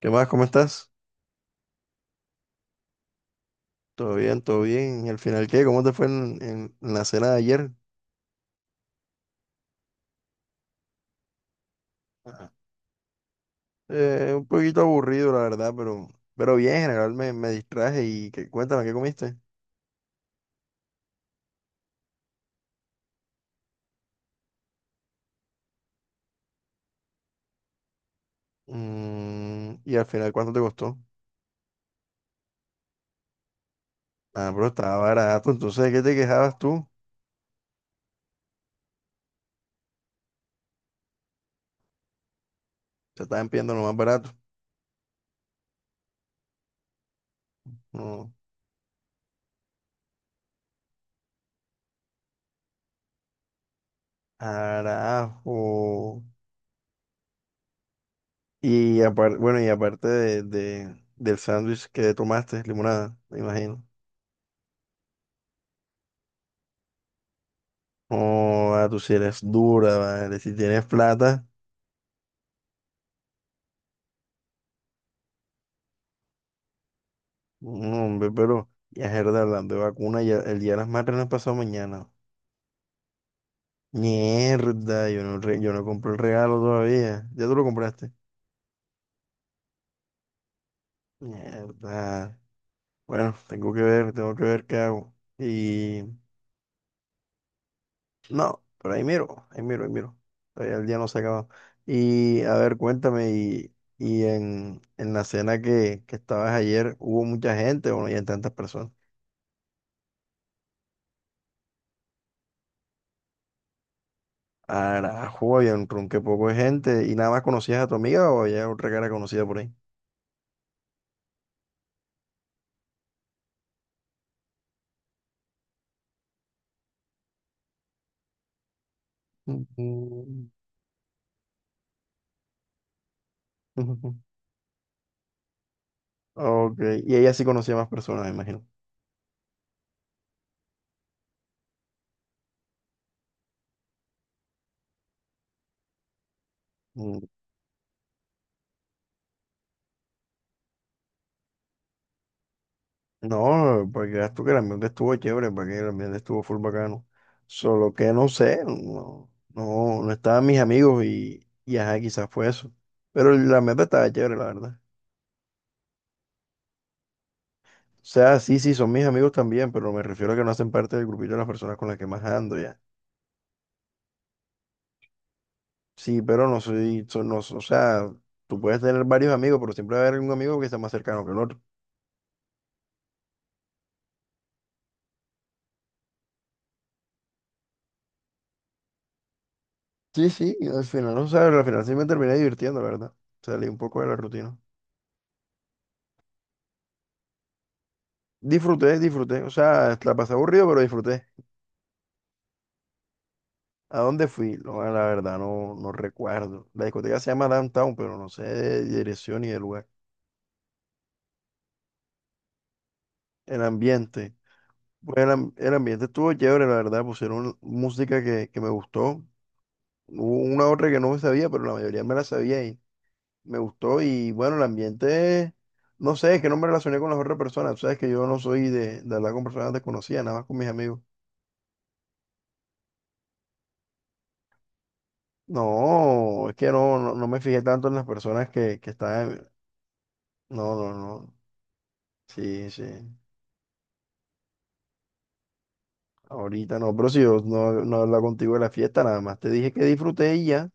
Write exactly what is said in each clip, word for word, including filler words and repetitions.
¿Qué más? ¿Cómo estás? ¿Todo bien? ¿Todo bien? ¿Y al final qué? ¿Cómo te fue en, en- en la cena de ayer? Eh, un poquito aburrido, la verdad, pero, pero bien, en general me, me distraje y que, cuéntame, ¿qué comiste? Mm, y al final, ¿cuánto te costó? Ah, pero estaba barato, entonces, ¿de qué te quejabas tú? Te estaban pidiendo lo más barato. No, carajo. Y aparte, bueno, y aparte de, de- del sándwich que tomaste, limonada, me imagino. Oh, ah, tú si eres dura, vale, si tienes plata. No, hombre, pero ya Gerda, hablando de vacuna, ya, el día de las madres no es pasado mañana. Mierda, yo no, re- yo no compré el regalo todavía. ¿Ya tú lo compraste? Mierda. Bueno, tengo que ver, tengo que ver qué hago. Y no, pero ahí miro, ahí miro, ahí miro. Todavía el día no se ha acabado. Y a ver, cuéntame, y, y en, en la cena que, que estabas ayer, ¿hubo mucha gente o no había tantas personas? Carajo, había un ronque poco de gente. ¿Y nada más conocías a tu amiga o había otra cara conocida por ahí? Ujú, ujú. Ok, y ella sí conocía más personas, me imagino. Mm. No, porque veas tú que el ambiente estuvo chévere, porque el ambiente estuvo full bacano. Solo que no sé, no, no, no estaban mis amigos y, y ajá, quizás fue eso. Pero el ambiente estaba chévere, la verdad. O sea, sí, sí, son mis amigos también, pero me refiero a que no hacen parte del grupito de las personas con las que más ando ya. Sí, pero no soy, so- no, o sea, tú puedes tener varios amigos, pero siempre va a haber un amigo que sea más cercano que el otro. Sí, sí, y al final, o sea, al final sí me terminé divirtiendo, la verdad. Salí un poco de la rutina. Disfruté, disfruté. O sea, la pasé aburrido, pero disfruté. ¿A dónde fui? No, la verdad, no, no recuerdo. La discoteca se llama Downtown, pero no sé de dirección ni de lugar. El ambiente. Pues el, am- el ambiente estuvo chévere, la verdad. Pusieron música que, que me gustó. Hubo una otra que no me sabía, pero la mayoría me la sabía, me gustó y bueno, el ambiente, no sé, es que no me relacioné con las otras personas, tú sabes que yo no soy de, de hablar con personas desconocidas, nada más con mis amigos. No, es que no, no, no me fijé tanto en las personas que, que están, no, no, no, sí, sí, ahorita no, pero si yo no, no he hablado contigo de la fiesta, nada más te dije que disfruté y ya.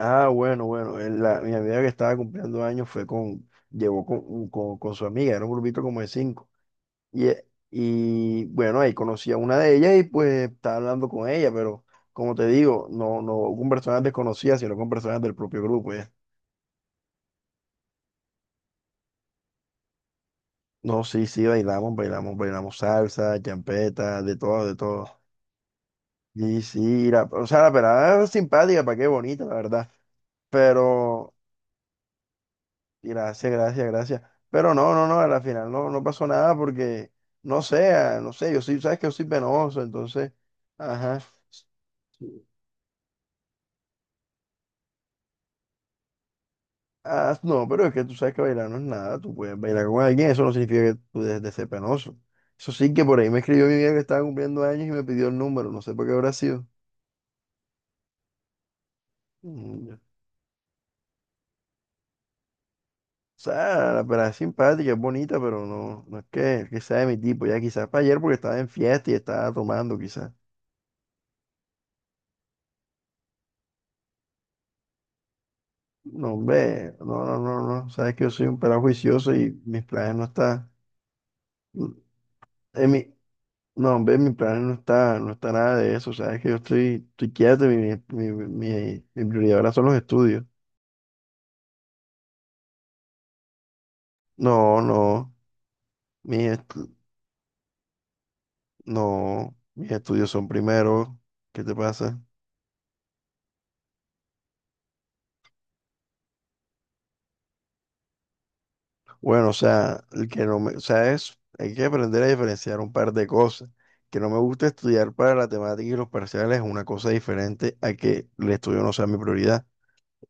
Ah, bueno, bueno, el- la- mi amiga que estaba cumpliendo años fue con, llevó con, con, con su amiga, era un grupito como de cinco. Y, e- y bueno, ahí conocí a una de ellas y pues estaba hablando con ella, pero como te digo, no, no con personas desconocidas, sino con personas del propio grupo. Ya. No, sí, sí, bailamos, bailamos, bailamos salsa, champeta, de todo, de todo. Y sí, la- o sea, la pelada era simpática, para qué bonita, la verdad. Pero, gracias, gracias, gracias. Pero no, no, no, a la final no, no pasó nada porque, no sé, ah, no sé, yo sí, sabes que yo soy penoso, entonces, ajá. Ah, no, pero es que tú sabes que bailar no es nada. Tú puedes bailar con alguien, eso no significa que tú dejes de ser penoso. Eso sí que por ahí me escribió mi amiga que estaba cumpliendo años y me pidió el número, no sé por qué habrá sido. Mm, ya. O sea, la pelada es simpática, es bonita, pero no, no es que, que sea de mi tipo. Ya quizás para ayer porque estaba en fiesta y estaba tomando, quizás. No, hombre, no, no, no, no. Sabes que yo soy un pelado juicioso y mis planes no están. Mm. En mi, no, hombre, mi plan no está, no está nada de eso. Sabes que yo estoy, estoy quieto, y mi, mi, mi, mi prioridad ahora son los estudios. No, no, mis estu- no, mis estudios son primero. ¿Qué te pasa? Bueno, o sea, el que no me, o sea, es, hay que aprender a diferenciar un par de cosas. Que no me gusta estudiar para la temática y los parciales es una cosa diferente a que el estudio no sea mi prioridad.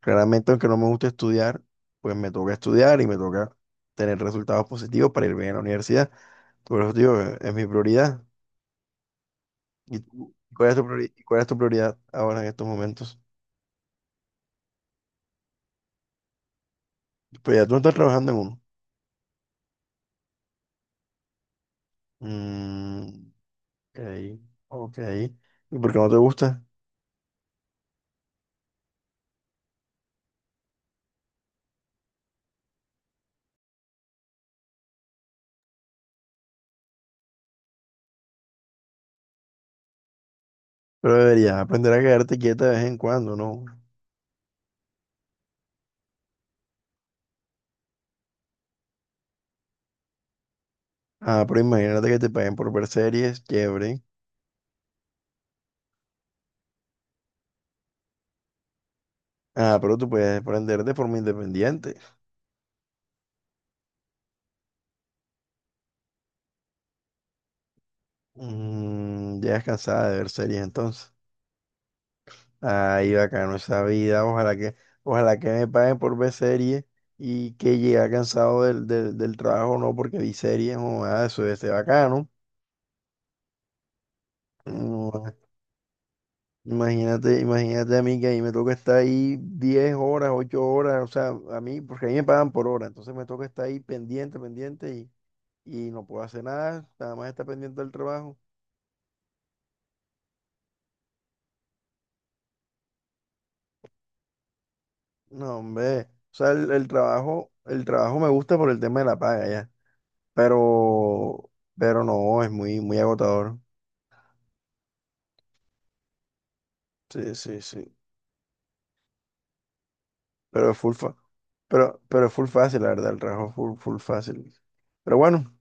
Claramente, aunque no me gusta estudiar, pues me toca estudiar y me toca tener resultados positivos para ir bien a la universidad. Por eso, digo, es es mi prioridad. ¿Y tú? Cuál es tu priori- ¿cuál es tu prioridad ahora en estos momentos? Pues ya tú no estás trabajando en uno. Mm, ok, ok. ¿Y por qué no te gusta? Pero deberías aprender a quedarte quieta de vez en cuando, ¿no? Ah, pero imagínate que te paguen por ver series, chévere. Ah, pero tú puedes aprender de forma independiente. Mm, ya es cansada de ver series entonces. Ay, bacano esa vida. Ojalá que, ojalá que me paguen por ver series y que llegue cansado del, del, del trabajo, no, porque vi series, o nada, eso debe ser bacano. Ua, imagínate, imagínate a mí que ahí me toca estar ahí diez horas, ocho horas, o sea, a mí, porque ahí me pagan por hora, entonces me toca estar ahí pendiente, pendiente y, y no puedo hacer nada, nada más estar pendiente del trabajo. No, hombre, o sea, el, el trabajo, el trabajo me gusta por el tema de la paga, ya. Pero, pero no, es muy, muy agotador. Sí, sí, sí. Pero es full fa- pero, pero es full fácil, la verdad, el trabajo es full, full fácil. Pero bueno,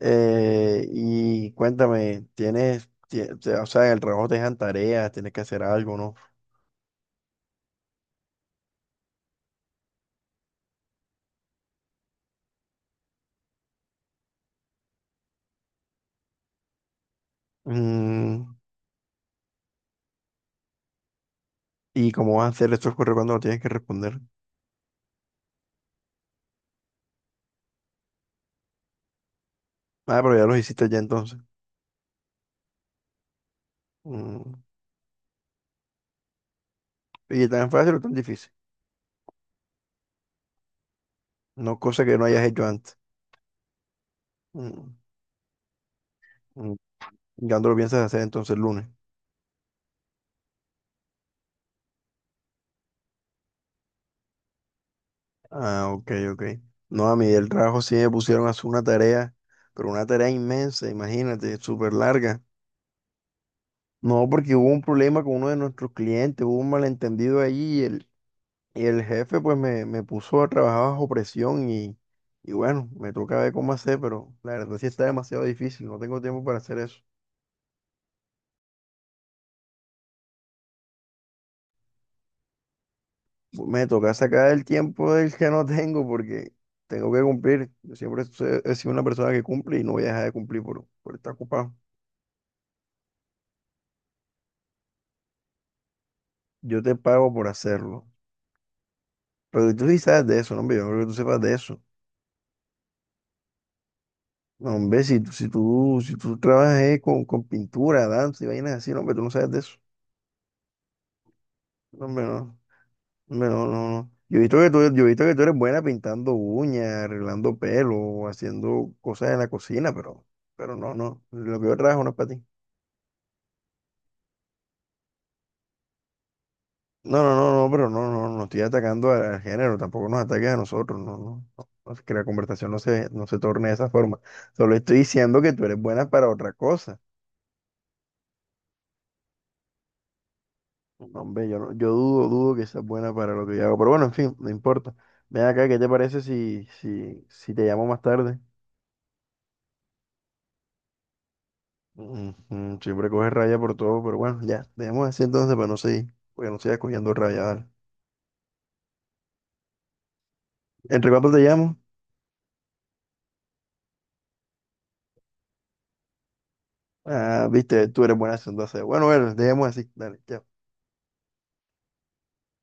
eh, y cuéntame, tienes, tie- te- o sea, en el trabajo te dejan tareas, tienes que hacer algo, ¿no? Mm, ¿Y cómo vas a hacer estos correos cuando lo tienes que responder? Ah, pero ya los hiciste ya entonces. Mm. ¿Y tan fácil o tan difícil? No, cosa que no hayas hecho antes. Mm. mm, ¿Y cuándo lo piensas hacer entonces el lunes? Ah, ok, ok. No, a mí del trabajo sí me pusieron a hacer una tarea, pero una tarea inmensa, imagínate, súper larga. No, porque hubo un problema con uno de nuestros clientes, hubo un malentendido ahí y el, y el jefe pues me, me puso a trabajar bajo presión y, y bueno, me toca ver cómo hacer, pero la verdad sí está demasiado difícil, no tengo tiempo para hacer eso. Me toca sacar el tiempo del que no tengo porque tengo que cumplir. Yo siempre he he sido una persona que cumple y no voy a dejar de cumplir por, por estar ocupado. Yo te pago por hacerlo. Pero que tú sí sabes de eso, no, hombre, yo no creo que tú sepas de eso. No, hombre, si, tú- si tú, si tú trabajas eh, con, con pintura, danza y vainas así, no, hombre, tú no sabes de eso. No, hombre, no, hombre, no, no, no. Yo he visto que tú, yo he visto que tú eres buena pintando uñas, arreglando pelo, haciendo cosas en la cocina, pero, pero no, no. Lo que yo trabajo no es para ti. No, no, no, no, pero no, no, no estoy atacando al, al género, tampoco nos ataques a nosotros, no, no, no, no, que la conversación no se, no se torne de esa forma. Solo estoy diciendo que tú eres buena para otra cosa. No, hombre, yo, no- yo dudo, dudo que sea buena para lo que yo hago. Pero bueno, en fin, no importa. Ven acá, ¿qué te parece si, si, si te llamo más tarde? Ujú, siempre coges raya por todo, pero bueno, ya, dejemos así entonces para no seguir, porque no sigas cogiendo raya, dale. ¿Entre cuánto te llamo? Ah, viste, tú eres buena entonces. Bueno, bueno, dejemos así, dale, chao.